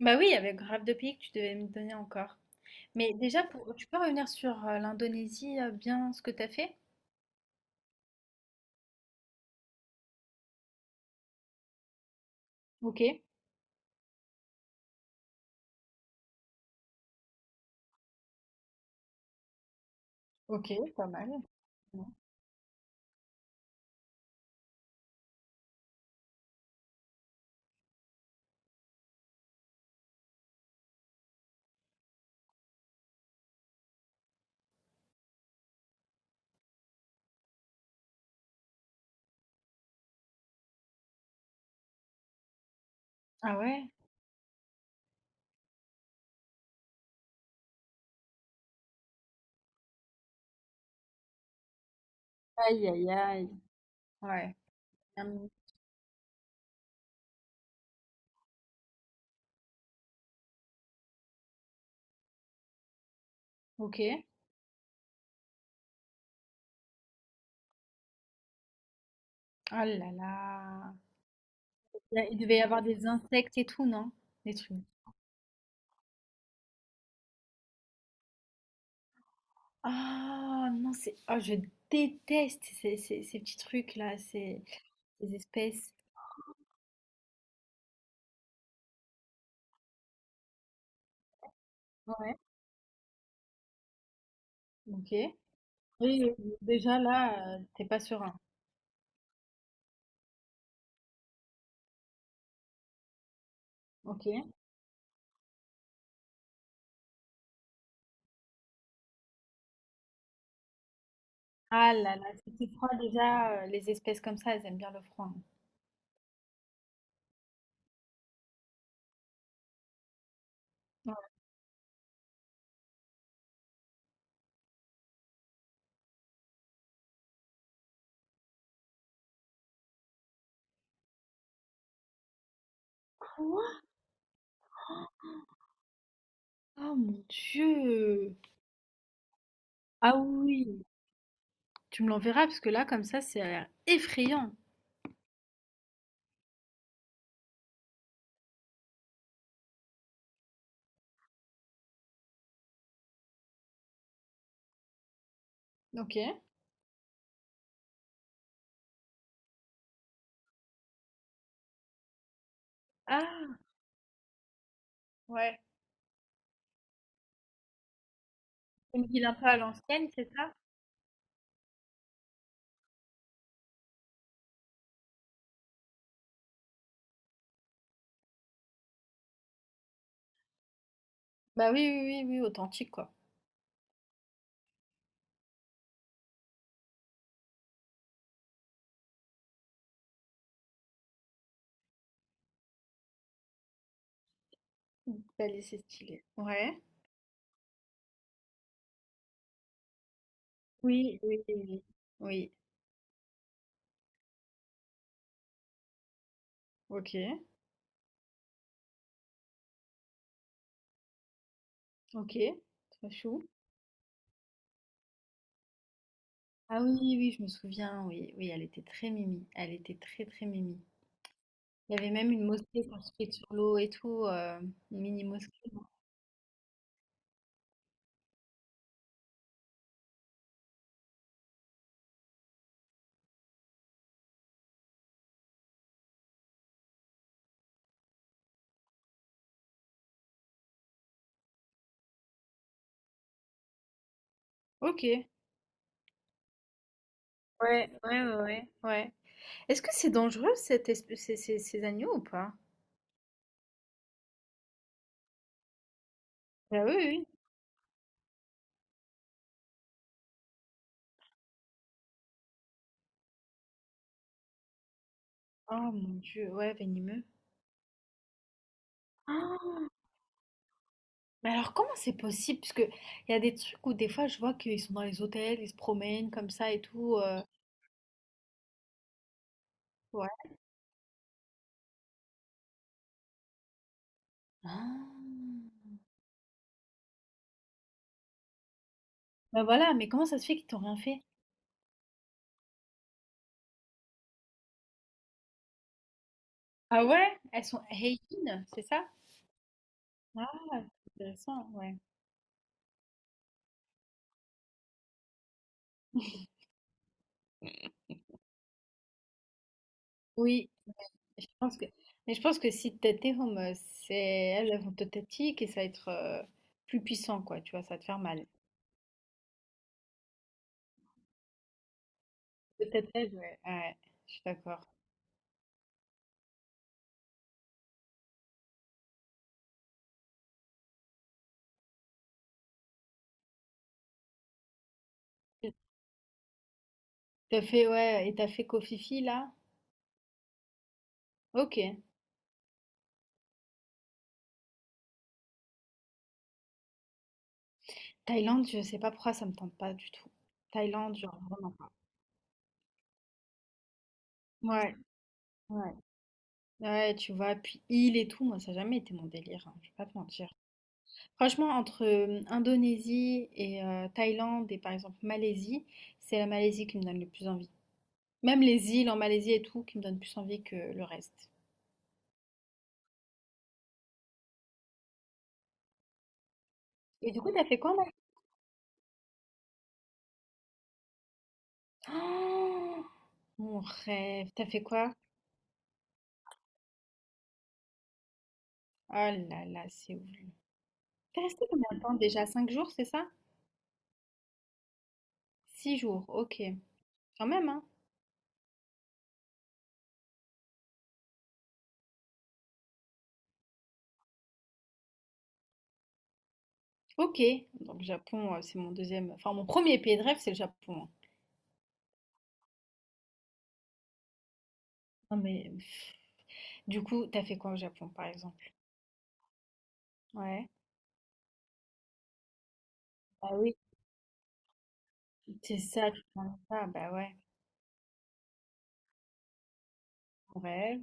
Bah oui, avec grave de pays que tu devais me donner encore. Mais déjà, pour, tu peux revenir sur l'Indonésie, bien ce que t'as fait? Ok, ok, pas mal. Non. Ah ouais? Aïe, aïe, aïe. Ouais. Hum, ok. Oh là là. Il devait y avoir des insectes et tout, non? Des trucs. Oh non, c'est. Oh, je déteste ces, ces petits trucs-là, ces, ces espèces. Ouais, ok. Oui, déjà là, t'es pas serein. Ok. Ah là là, c'est qu'il froid déjà, les espèces comme ça, elles aiment bien le froid, hein. Ouais. Quoi? Oh mon Dieu! Ah oui! Tu me l'enverras parce que là, comme ça, c'est l'air effrayant. Ok. Ah ouais, une ville un peu à l'ancienne, c'est ça? Bah oui, oui, oui, oui, authentique quoi. Bah, c'est stylé. Ouais. Oui, oui, oui, oui. Oui. Ok. Ok. Trop chou. Ah oui, oui, oui, je me souviens, oui, oui, elle était très mimi. Elle était très, très mimi. Il y avait même une mosquée construite sur l'eau et tout, une mini-mosquée. Ok. Ouais, ouais, ouais, ouais, ouais. Est-ce que c'est dangereux cette espèce, ces, ces agneaux ou pas? Bah oui, oui. Oh mon Dieu, ouais, venimeux. Ah, mais alors comment c'est possible? Parce que il y a des trucs où des fois je vois qu'ils sont dans les hôtels, ils se promènent comme ça et tout, ouais. Ah. Bah voilà, mais comment ça se fait qu'ils t'ont rien fait? Ah ouais? Elles sont hygiène, c'est ça? Ah, c'est intéressant, ouais. Oui, mais je pense que, mais je pense que si Tetehome, c'est elles, elles vont te tati et ça va être plus puissant, quoi, tu vois, ça va te faire mal. Peut-être elle, ouais. Ouais, je suis d'accord. T'as fait, ouais, et t'as fait Kofifi, là? Ok. Thaïlande, je sais pas pourquoi ça me tente pas du tout. Thaïlande, genre, vraiment pas. Ouais, ouais. Ouais, tu vois, puis île et tout, moi, ça a jamais été mon délire, hein, je vais pas te mentir. Franchement, entre Indonésie et Thaïlande et par exemple Malaisie, c'est la Malaisie qui me donne le plus envie. Même les îles en Malaisie et tout, qui me donnent plus envie que le reste. Et du coup, t'as fait quoi, oh, mon rêve. T'as fait quoi? Oh là là, c'est ouf. T'es resté combien de temps déjà? 5 jours, c'est ça? 6 jours, ok. Quand même, hein? Ok. Donc, Japon, c'est mon deuxième. Enfin, mon premier pays de rêve, c'est le Japon, hein. Non, mais pff, du coup, t'as fait quoi au Japon, par exemple? Ouais. Bah oui, c'est ça, tu prends ça. Bah ouais, mon rêve.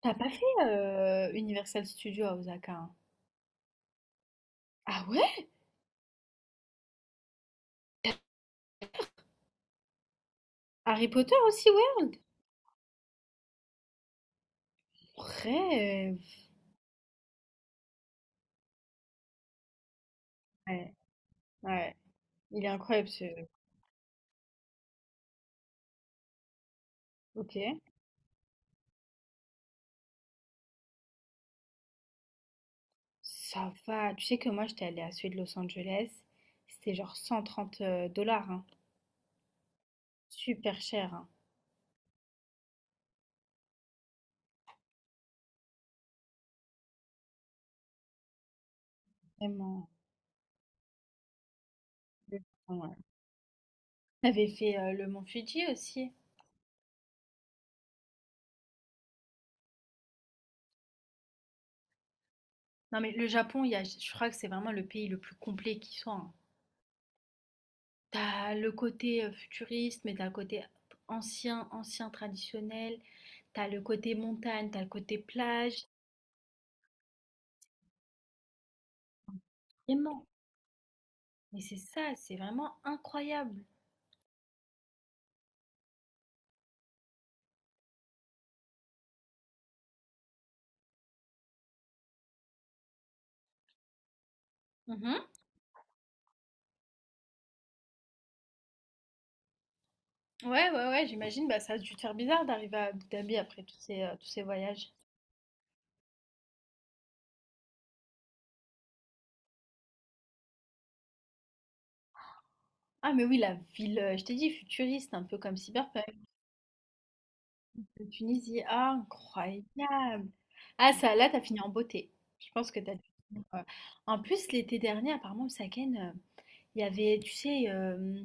T'as pas fait Universal Studios à Osaka, hein? Ah ouais? Harry Potter aussi World, mon rêve. Ouais, ouais. Il est incroyable ce. Ok. Ça va. Tu sais que moi, j'étais allée à celui de Los Angeles. C'était genre $130, hein. Super cher, hein. Vraiment. Le Japon, ouais. T'avais fait le mont Fuji aussi. Non, mais le Japon, il y a, je crois que c'est vraiment le pays le plus complet qui soit, hein. T'as le côté futuriste, mais t'as le côté ancien, ancien traditionnel. T'as le côté montagne, t'as le côté plage. Vraiment. Mais c'est ça, c'est vraiment incroyable. Mhm. Ouais, ouais, ouais, j'imagine, bah, ça a dû te faire bizarre d'arriver à Abu Dhabi après tous ces voyages. Ah, mais oui, la ville, je t'ai dit, futuriste, un peu comme Cyberpunk, de Tunisie. Ah, incroyable. Ah, ça, là, t'as fini en beauté. Je pense que t'as dû finir, en plus, l'été dernier, apparemment, au Saken, il y avait, tu sais,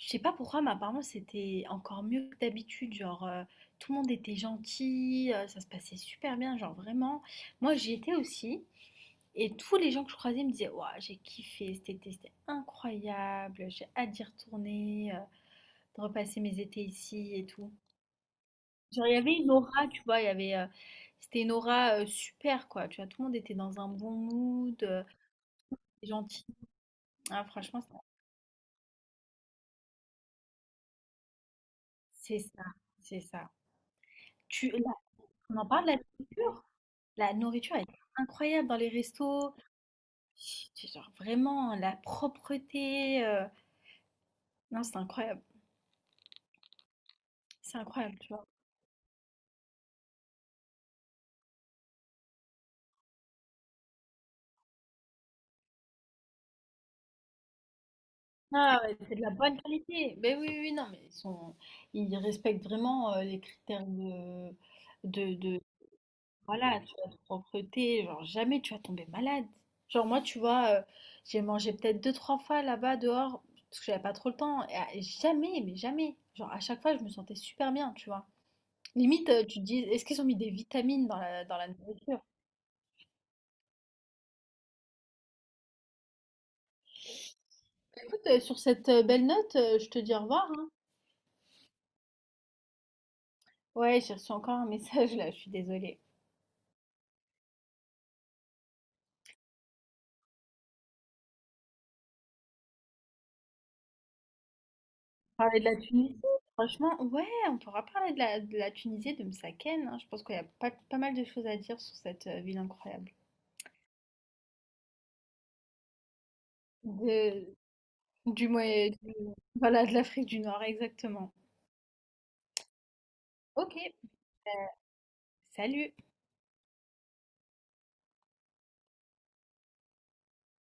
je sais pas pourquoi, mais apparemment c'était encore mieux que d'habitude. Genre, tout le monde était gentil, ça se passait super bien, genre vraiment. Moi j'y étais aussi, et tous les gens que je croisais me disaient, ouah, j'ai kiffé cet été, c'était incroyable, j'ai hâte d'y retourner, de repasser mes étés ici et tout. Genre, il y avait une aura, tu vois, il y avait, c'était une aura super quoi, tu vois, tout le monde était dans un bon mood, gentil. Ah, franchement, ça, c'est ça, c'est ça. Tu, là, on en parle de la culture? La nourriture est incroyable dans les restos. Tu genre vraiment la propreté, non, c'est incroyable, tu vois? Ah ouais, c'est de la bonne qualité. Beh, oui, oui, oui, non, mais ils respectent vraiment, les critères de de voilà, tu vois? De propreté, genre jamais tu vas tomber malade. Genre moi, tu vois, j'ai mangé peut-être deux trois fois là-bas dehors, parce que j'avais pas trop le temps et à et jamais, mais jamais, genre à chaque fois, je me sentais super bien, tu vois? Limite, tu te dis, est-ce qu'ils ont mis des vitamines dans la nourriture? Écoute, sur cette belle note, je te dis au revoir, hein. Ouais, j'ai reçu encore un message là, je suis désolée. Parler de la Tunisie, franchement, ouais, on pourra parler de la Tunisie, et de Msaken, hein. Je pense qu'il y a pas, pas mal de choses à dire sur cette ville incroyable. De- du, du, voilà, de l'Afrique du Nord, exactement. Ok, ben, salut!